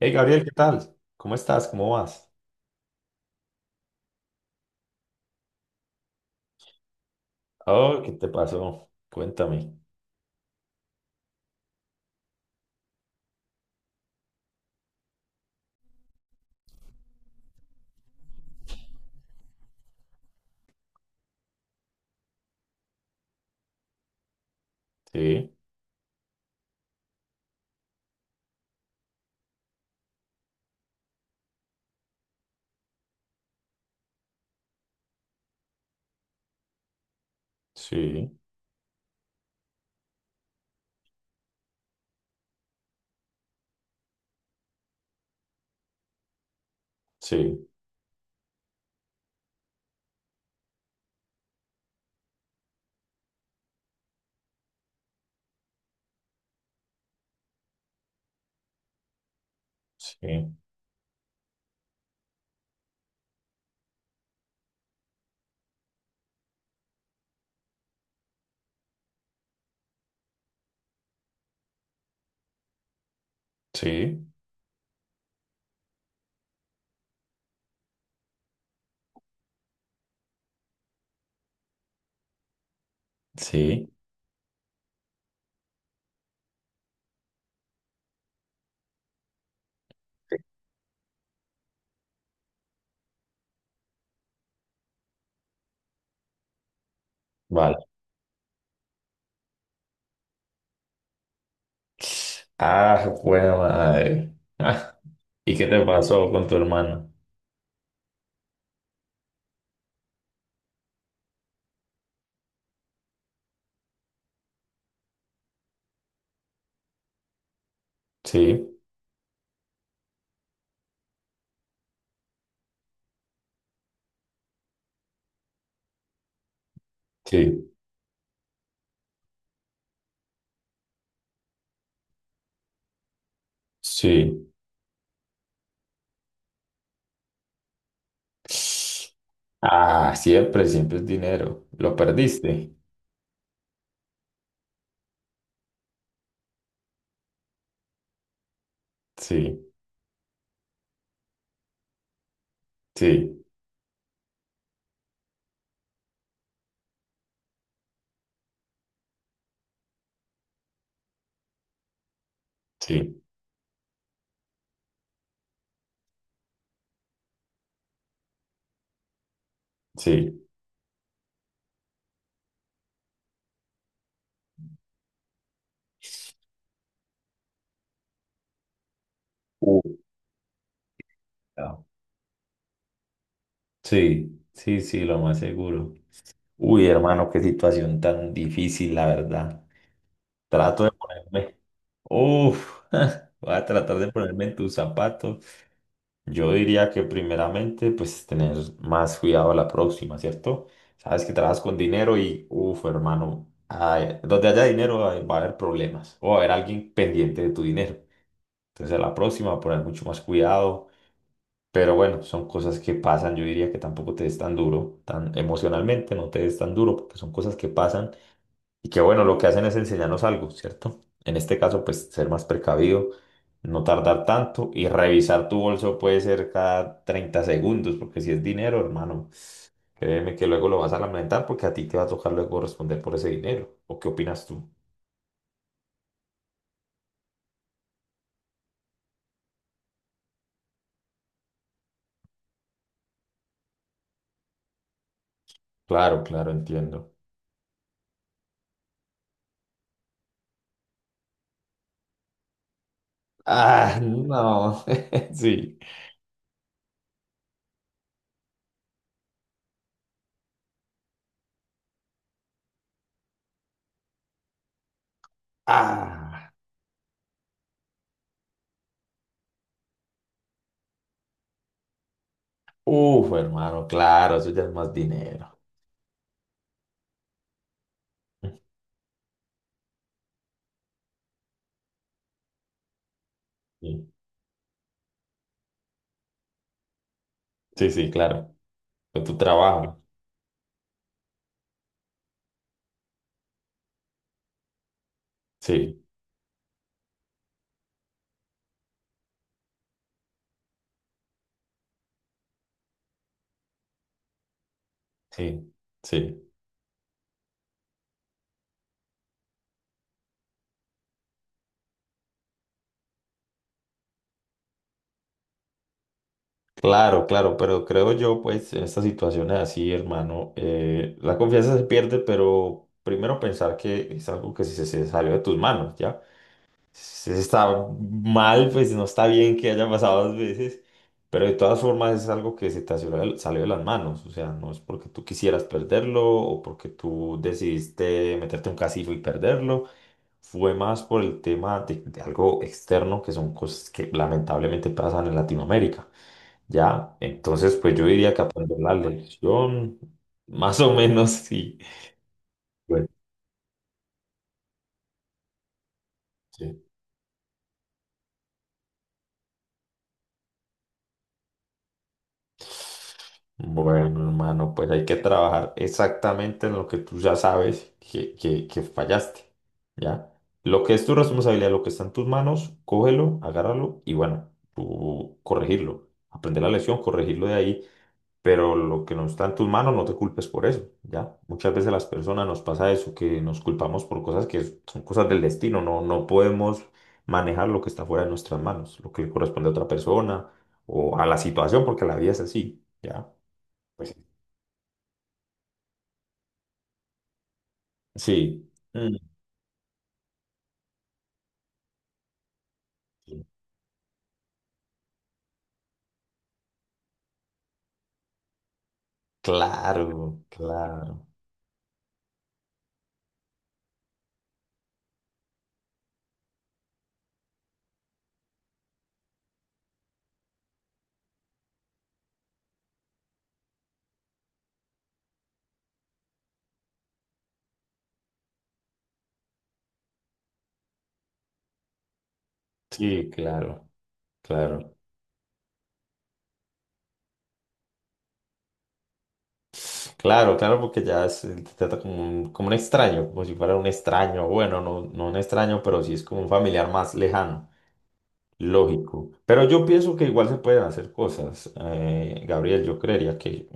Hey Gabriel, ¿qué tal? ¿Cómo estás? ¿Cómo vas? Oh, ¿qué te pasó? Cuéntame. Sí, sí, sí, sí, sí, sí. Vale. Ah, buena madre. Ah, ¿y qué te pasó con tu hermano? Sí, sí, sí. Ah, siempre, siempre es dinero. ¿Lo perdiste? Sí, sí, sí, sí. Uh, no. Sí, sí, sí, lo más seguro. Uy, hermano, qué situación tan difícil, la verdad. Trato de ponerme. Uf, voy a tratar de ponerme en tus zapatos. Yo diría que primeramente, pues tener más cuidado a la próxima, ¿cierto? Sabes que trabajas con dinero y, uf, hermano, ay, donde haya dinero ay, va a haber problemas o va a haber alguien pendiente de tu dinero. Entonces a la próxima poner mucho más cuidado. Pero bueno, son cosas que pasan. Yo diría que tampoco te des tan duro, tan emocionalmente, no te des tan duro, porque son cosas que pasan y que bueno, lo que hacen es enseñarnos algo, ¿cierto? En este caso, pues ser más precavido, no tardar tanto y revisar tu bolso puede ser cada 30 segundos, porque si es dinero, hermano, créeme que luego lo vas a lamentar porque a ti te va a tocar luego responder por ese dinero. ¿O qué opinas tú? Claro, claro, entiendo. Ah, no, sí. Ah, uf, hermano, claro, eso ya es más dinero. Sí, sí, sí, claro. Con tu trabajo. Sí, sí, sí. Claro, claro, pero creo yo, pues, en estas situaciones así, hermano, la confianza se pierde, pero primero pensar que es algo que se salió de tus manos, ¿ya? Si está mal, pues no está bien que haya pasado dos veces, pero de todas formas es algo que se te salió, salió de las manos, o sea, no es porque tú quisieras perderlo o porque tú decidiste meterte un casillo y perderlo, fue más por el tema de algo externo que son cosas que lamentablemente pasan en Latinoamérica. Ya, entonces pues yo diría que aprender la lección, más o menos sí. Bueno, sí. Bueno, hermano, pues hay que trabajar exactamente en lo que tú ya sabes que fallaste, ¿ya? Lo que es tu responsabilidad, lo que está en tus manos, cógelo, agárralo y bueno, tú corregirlo. Aprender la lección, corregirlo de ahí. Pero lo que no está en tus manos, no te culpes por eso, ¿ya? Muchas veces las personas nos pasa eso, que nos culpamos por cosas que son cosas del destino, no, no podemos manejar lo que está fuera de nuestras manos, lo que le corresponde a otra persona o a la situación, porque la vida es así, ¿ya? Pues sí. Sí. Mm, claro, claro. Sí, claro, claro. Claro, claro, porque ya te trata como un extraño, como si fuera un extraño, bueno, no, no un extraño, pero sí es como un familiar más lejano. Lógico. Pero yo pienso que igual se pueden hacer cosas. Gabriel, yo creería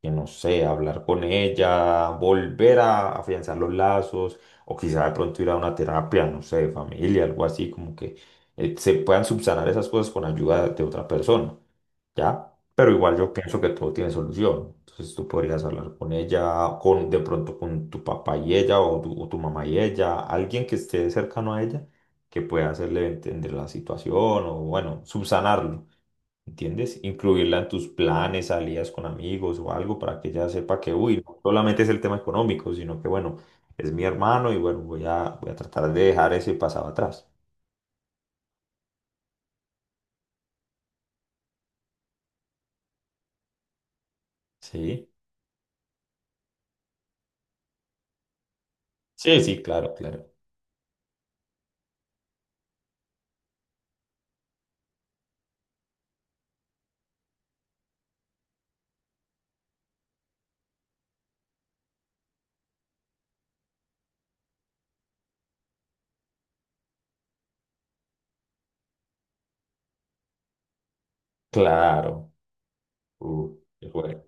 que no sé, hablar con ella, volver a afianzar los lazos, o quizá de pronto ir a una terapia, no sé, de familia, algo así, como que se puedan subsanar esas cosas con ayuda de otra persona. ¿Ya? Pero igual yo pienso que todo tiene solución. Entonces tú podrías hablar con ella, con de pronto con tu papá y ella, o tu mamá y ella, alguien que esté cercano a ella, que pueda hacerle entender la situación o, bueno, subsanarlo, ¿entiendes? Incluirla en tus planes, salidas con amigos o algo para que ella sepa que, uy, no solamente es el tema económico, sino que, bueno, es mi hermano y, bueno, voy a, voy a tratar de dejar ese pasado atrás. Sí, sí, sí, claro, claro, claro. Qué bueno.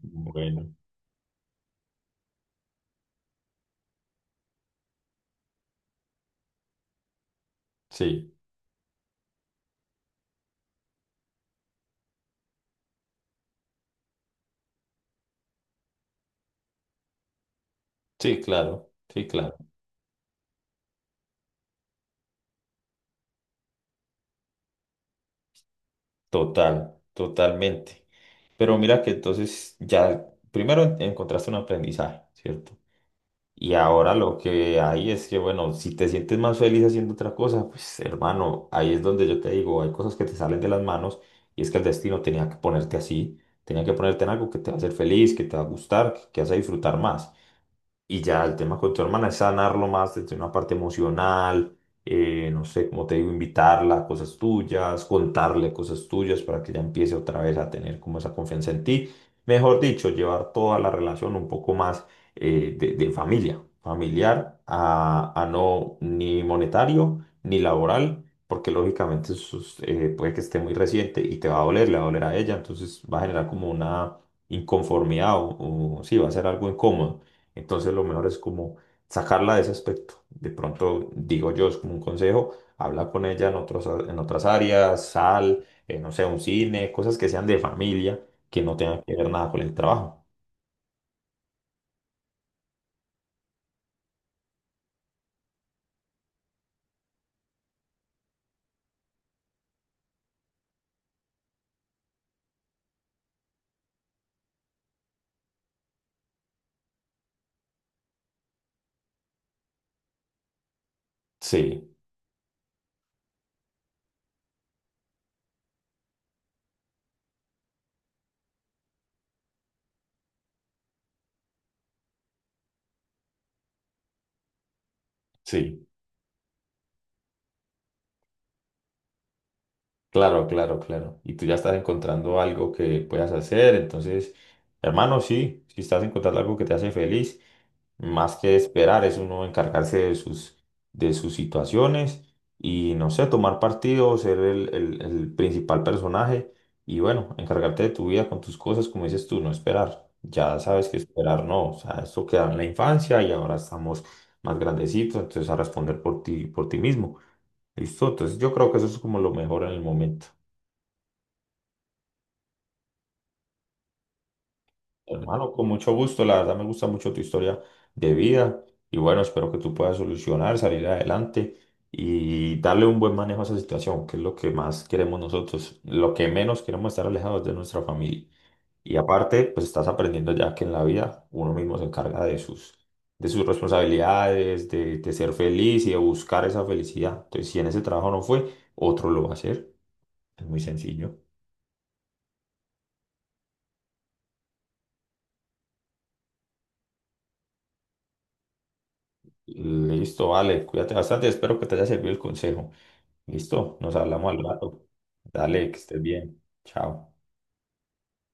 Bueno, sí, sí, claro, sí, claro, total, totalmente. Pero mira que entonces ya primero encontraste un aprendizaje, ¿cierto? Y ahora lo que hay es que, bueno, si te sientes más feliz haciendo otra cosa, pues hermano, ahí es donde yo te digo, hay cosas que te salen de las manos y es que el destino tenía que ponerte así, tenía que ponerte en algo que te va a hacer feliz, que te va a gustar, que vas a disfrutar más. Y ya el tema con tu hermana es sanarlo más desde una parte emocional, no sé, como te digo, invitarla a cosas tuyas, contarle cosas tuyas para que ella empiece otra vez a tener como esa confianza en ti. Mejor dicho, llevar toda la relación un poco más de familia, familiar a no ni monetario ni laboral, porque lógicamente eso es, puede que esté muy reciente y te va a doler, le va a doler a ella, entonces va a generar como una inconformidad o sí, va a ser algo incómodo. Entonces lo mejor es como sacarla de ese aspecto. De pronto, digo yo, es como un consejo, habla con ella en otros, en otras áreas, sal, no sé, un cine, cosas que sean de familia, que no tengan que ver nada con el trabajo. Sí, sí. Claro, claro, claro. Y tú ya estás encontrando algo que puedas hacer. Entonces, hermano, sí, si estás encontrando algo que te hace feliz, más que esperar, es uno encargarse de sus situaciones y, no sé, tomar partido, ser el, el principal personaje y, bueno, encargarte de tu vida con tus cosas, como dices tú, no esperar. Ya sabes que esperar no, o sea, esto queda en la infancia y ahora estamos más grandecitos, entonces a responder por ti mismo. Listo, entonces yo creo que eso es como lo mejor en el momento. Hermano, con mucho gusto, la verdad me gusta mucho tu historia de vida y bueno, espero que tú puedas solucionar, salir adelante y darle un buen manejo a esa situación, que es lo que más queremos nosotros, lo que menos queremos estar alejados de nuestra familia. Y aparte, pues estás aprendiendo ya que en la vida uno mismo se encarga de sus responsabilidades, de ser feliz y de buscar esa felicidad. Entonces, si en ese trabajo no fue, otro lo va a hacer. Es muy sencillo. Listo, vale, cuídate bastante, espero que te haya servido el consejo. Listo, nos hablamos al rato. Dale, que estés bien. Chao.